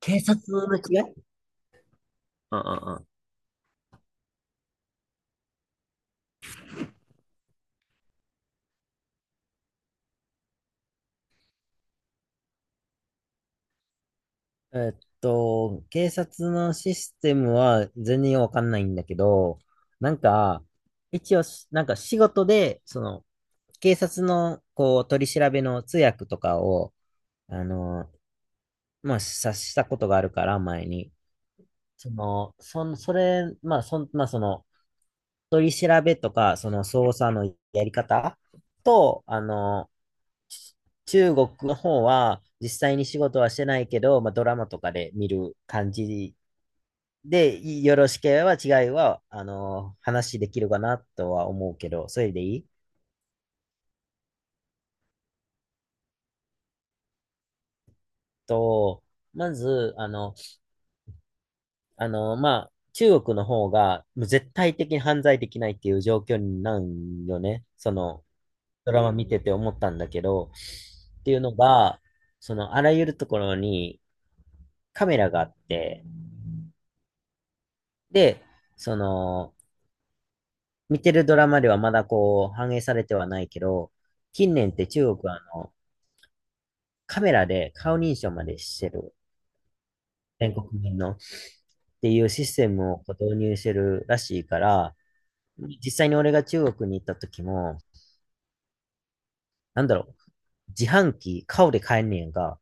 警察の違い。うんうんうん。警察のシステムは全然わかんないんだけど、なんか、一応し、なんか仕事で、その、警察の、こう、取り調べの通訳とかを、あの、まあ、さしたことがあるから、前に。その、そん、それ、まあ、そん、まあ、その、取り調べとか、その、捜査のやり方と、ち中国の方は実際に仕事はしてないけど、まあ、ドラマとかで見る感じで、よろしければ違いは、あの、話できるかなとは思うけど、それでいい？と、まず、あの、まあ、中国の方がもう絶対的に犯罪できないっていう状況になるよね。その、ドラマ見てて思ったんだけど、っていうのが、その、あらゆるところにカメラがあって、で、その、見てるドラマではまだこう反映されてはないけど、近年って中国はカメラで顔認証までしてる、全国民のっていうシステムをこう導入してるらしいから、実際に俺が中国に行った時も、なんだろう、自販機顔で買えんねやんか。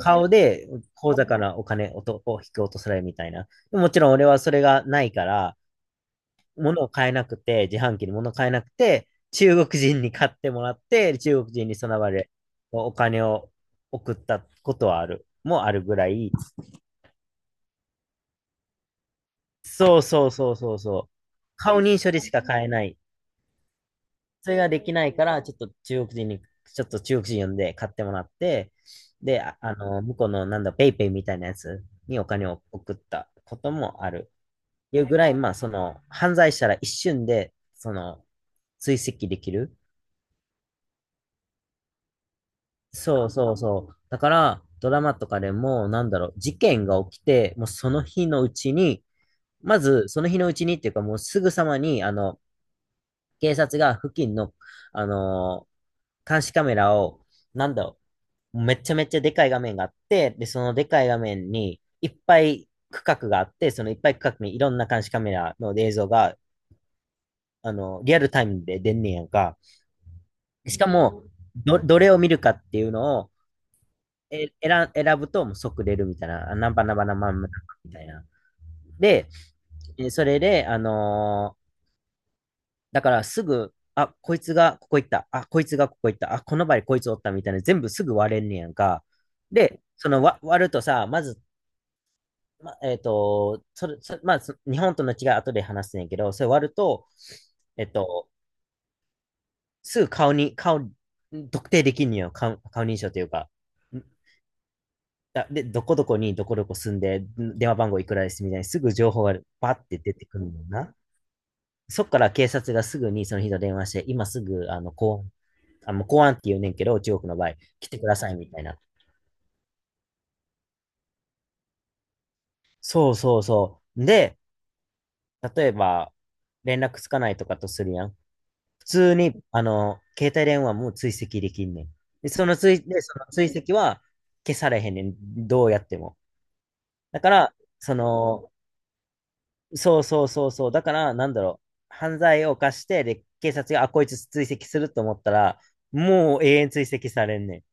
顔で口座からお金を引き落とされるみたいな。もちろん俺はそれがないから、物を買えなくて、自販機に物を買えなくて、中国人に買ってもらって、中国人にその場でお金を送ったことはある、もあるぐらい、そうそうそうそうそう、顔認証でしか買えない。それができないから、ちょっと中国人呼んで買ってもらって、で、向こうのなんだ、ペイペイみたいなやつにお金を送ったこともある。いうぐらい、まあ、その、犯罪したら一瞬で、その、追跡できる。そうそうそう。だから、ドラマとかでも、なんだろう、事件が起きて、もうその日のうちに、まず、その日のうちにっていうか、もうすぐさまに、あの、警察が付近の、あのー監視カメラを、なんだろう、めちゃめちゃでかい画面があって、で、そのでかい画面に、いっぱい区画があって、そのいっぱい区画にいろんな監視カメラの映像が、あの、リアルタイムで出んねやんか。しかも、どれを見るかっていうのを、選ぶともう即出るみたいな、あナンパナンパナンパナンパみたいな。で、それで、だからすぐ、あ、こいつがここ行った、あ、こいつがここ行った、あ、この場合こいつおったみたいな、全部すぐ割れんねやんか。で、割るとさ、まず、ま、えっと、それ、そまあ、そ日本との違い後で話すねんけど、それ割ると、えっと、すぐ顔に、顔、特定できんのよ、顔、顔認証というか。で、どこどこにどこどこ住んで、電話番号いくらですみたいにすぐ情報がパッて出てくるのな。そっから警察がすぐにその人と電話して、今すぐあの公安、あの公安って言うねんけど、中国の場合、来てくださいみたいな。そうそうそう。で、例えば連絡つかないとかとするやん。普通にあの携帯電話も追跡できんねん。で、その追跡は消されへんねん。どうやっても。だから、その、そうそうそうそう。だから、なんだろう。犯罪を犯して、で、警察が、あ、こいつ追跡すると思ったら、もう永遠追跡されんねん。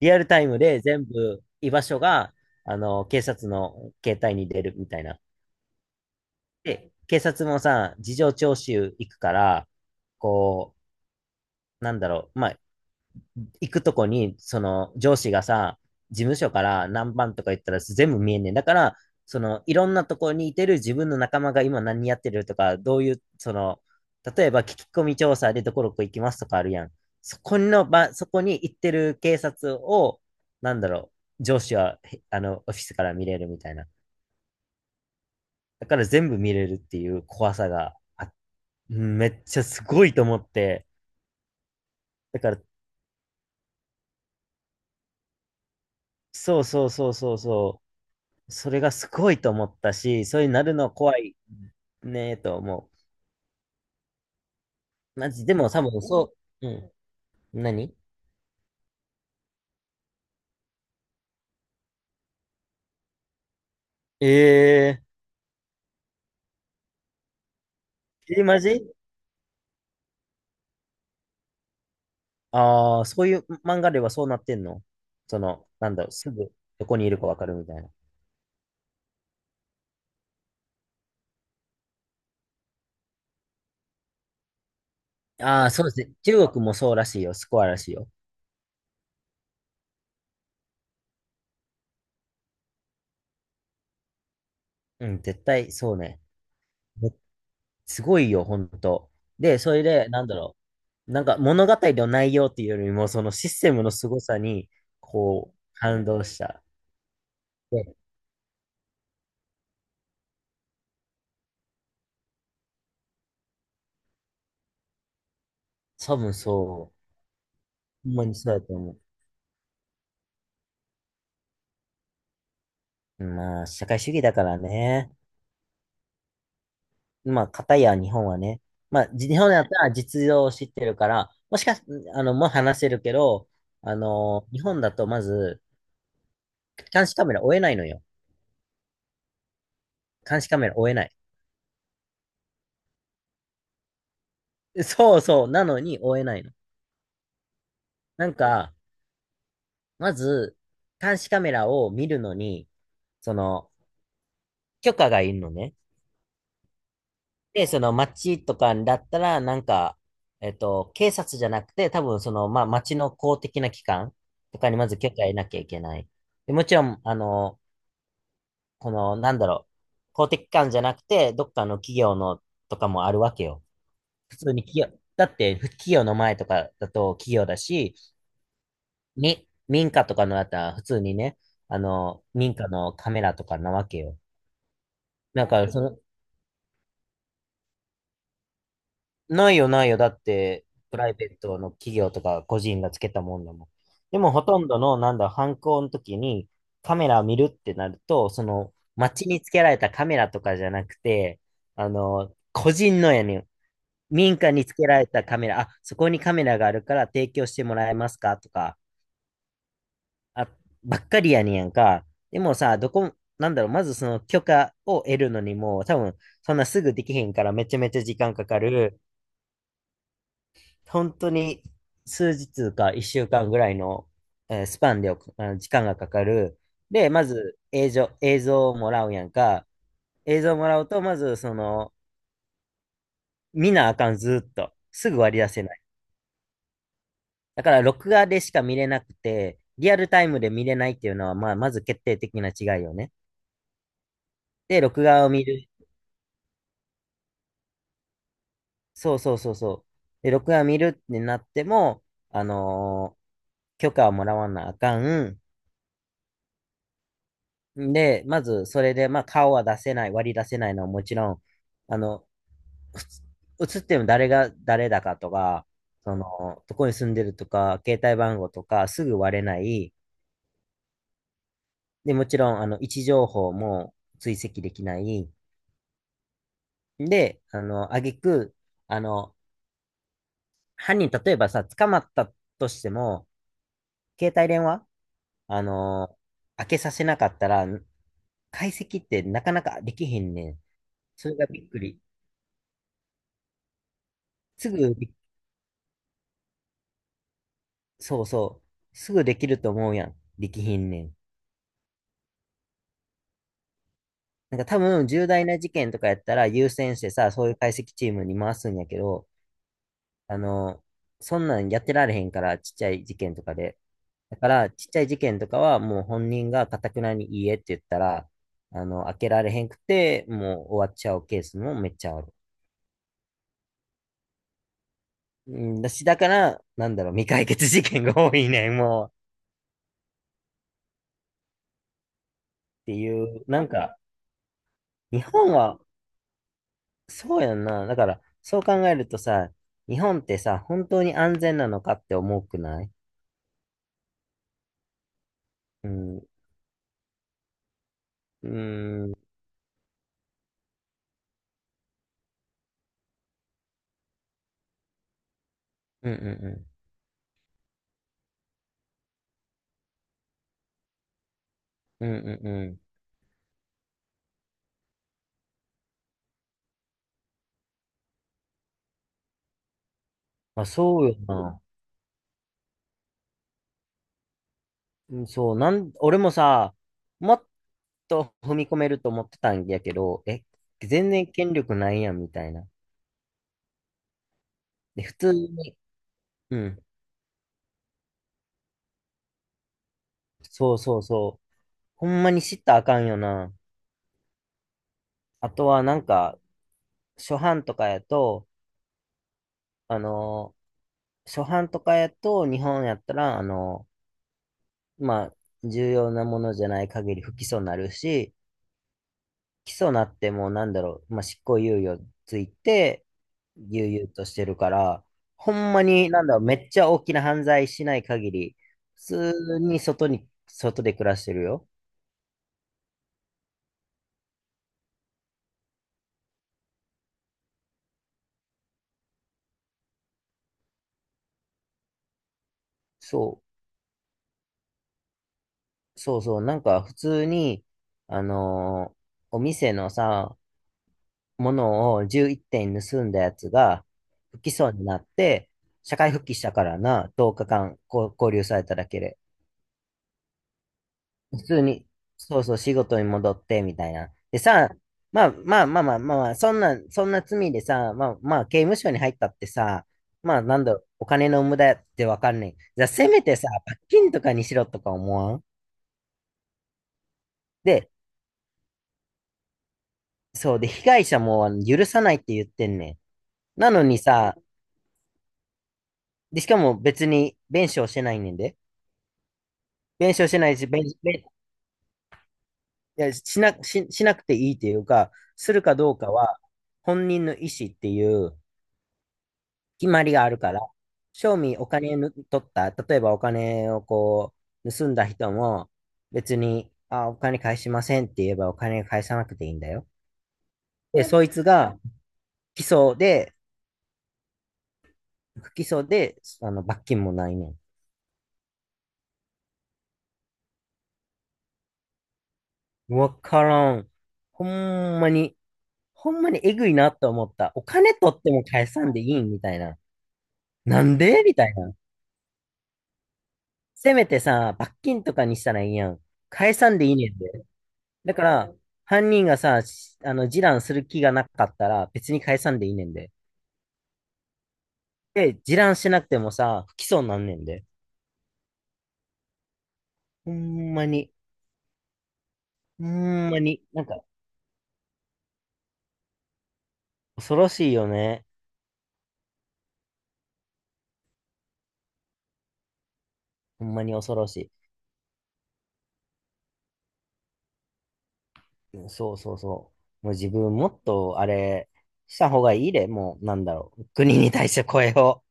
リアルタイムで全部居場所が、あの、警察の携帯に出るみたいな。で、警察もさ、事情聴取行くから、こなんだろう。まあ、行くとこに、その上司がさ、事務所から何番とか言ったら全部見えんねん。だから、そのいろんなとこにいてる自分の仲間が今何やってるとか、どういう、その、例えば聞き込み調査でどこどこ行きますとかあるやん。そこに行ってる警察を、なんだろう、上司は、あの、オフィスから見れるみたいな。だから全部見れるっていう怖さがあ、めっちゃすごいと思って。だから、そうそうそうそうそれがすごいと思ったし、そういうなるの怖いねと思う。マジ、でも多分そう、うん。何。えええ、マジ。ああー、そういう漫画ではそうなってんの？その、なんだろう、すぐどこにいるかわかるみたいな。ああ、そうですね。中国もそうらしいよ。スコアらしいよ。うん、絶対そうね。めすごいよ、ほんと。で、それで、なんだろう。なんか物語の内容っていうよりも、そのシステムの凄さに、こう、感動した。で、多分そう。ほんまにそうだと思う。まあ、社会主義だからね。まあ、片や日本はね。まあ、日本だったら実情を知ってるから、もしかし、あの、もう話せるけど、あの、日本だとまず、監視カメラ追えないのよ。監視カメラ追えない。そうそう、なのに追えないの。なんか、まず、監視カメラを見るのに、その、許可がいるのね。で、その町とかだったら、なんか、警察じゃなくて、多分その、まあ、町の公的な機関とかにまず許可得なきゃいけない。で、もちろん、あの、この、なんだろう、公的機関じゃなくて、どっかの企業のとかもあるわけよ。普通に企業、だって、企業の前とかだと企業だし、民家とかのだったら、普通にね、あの、民家のカメラとかなわけよ。なんか、その、ないよ、ないよ。だって、プライベートの企業とか個人がつけたもんだもん。でも、ほとんどの、なんだ、犯行の時にカメラを見るってなると、その、街につけられたカメラとかじゃなくて、あの、個人のやねん。民家につけられたカメラ、あ、そこにカメラがあるから提供してもらえますかとか、あ、ばっかりやねんやんか。でもさ、どこ、なんだろう、まずその許可を得るのにも、多分、そんなすぐできへんからめちゃめちゃ時間かかる。本当に数日か1週間ぐらいの、スパンであの時間がかかる。で、まず映像、映像をもらうやんか。映像をもらうと、まずその、見なあかん、ずーっと。すぐ割り出せない。だから、録画でしか見れなくて、リアルタイムで見れないっていうのは、まあ、まず決定的な違いよね。で、録画を見る。そうそうそうそう。で、録画を見るってなっても、あのー許可をもらわなあかん。で、まず、それで、まあ、顔は出せない、割り出せないのはもちろん、あの、ふつ写っても誰が誰だかとか、その、どこに住んでるとか、携帯番号とか、すぐ割れない。で、もちろん、あの、位置情報も追跡できない。で、挙句、あの、犯人、例えばさ、捕まったとしても、携帯電話、あの、開けさせなかったら、解析ってなかなかできへんねん。それがびっくり。すぐそうそう。すぐできると思うやん。できひんねん。なんか多分重大な事件とかやったら優先してさ、そういう解析チームに回すんやけど、あの、そんなんやってられへんから、ちっちゃい事件とかで。だから、ちっちゃい事件とかはもう本人が頑くなにいいえって言ったら、開けられへんくて、もう終わっちゃうケースもめっちゃある。うん。だし、だから、なんだろう、未解決事件が多いねん、もう。っていう、なんか、日本はそうやんな。だから、そう考えるとさ、日本ってさ、本当に安全なのかって思うくない？うん、うーん、うん、うん、うん、うん、うん。うん。まあ、そうよな。うん。そう、俺もさ、もっと踏み込めると思ってたんやけど、全然権力ないやん、みたいな。で、普通に、うん、そうそうそう。ほんまに知ったらあかんよな。あとは、なんか、初版とかやと、あのー初版とかやと、日本やったら、まあ、重要なものじゃない限り不起訴になるし、起訴なってもなんだろう、まあ、執行猶予ついて、悠々としてるから、ほんまになんだろう、めっちゃ大きな犯罪しない限り、普通に外で暮らしてるよ。そう、そうそう、なんか普通に、あのーお店のさ、ものを11点盗んだやつが不起訴になって、社会復帰したからな、10日間こう拘留されただけで。普通に、そうそう、仕事に戻って、みたいな。でさ、まあまあまあまあまあ、まあそんな罪でさ、まあまあ、刑務所に入ったってさ、まあなんだろう、お金の無駄ってわかんない。じゃあ、せめてさ、罰金とかにしろとか思わん？で、そうで、被害者もあの許さないって言ってんねん。なのにさ、で、しかも別に弁償してないねんで。弁償してないし、いや、しなくていいっていうか、するかどうかは、本人の意思っていう、決まりがあるから、賞味お金ぬ取った、例えばお金をこう、盗んだ人も、別に、あ、お金返しませんって言えばお金返さなくていいんだよ。で、そいつが、起訴で、不起訴で、罰金もないねん。わからん。ほんまに、ほんまにえぐいなと思った。お金取っても返さんでいいんみたいな。なんでみたいな。せめてさ、罰金とかにしたらいいやん。返さんでいいねんで。だから、犯人がさ、しあの、示談する気がなかったら、別に返さんでいいねんで。で、示談しなくてもさ、不起訴になんねんで。ほんまに、ほんまに、なんか、恐ろしいよね。ほんまに恐ろしい。うん。そうそうそう。もう自分もっと、あれ、した方がいいで、もう、なんだろう。国に対して声を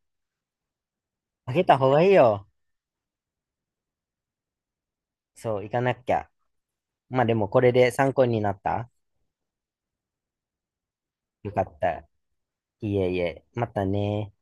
上げた方がいいよ。そう、行かなきゃ。まあでも、これで参考になった？よかった。いえいえ、またね。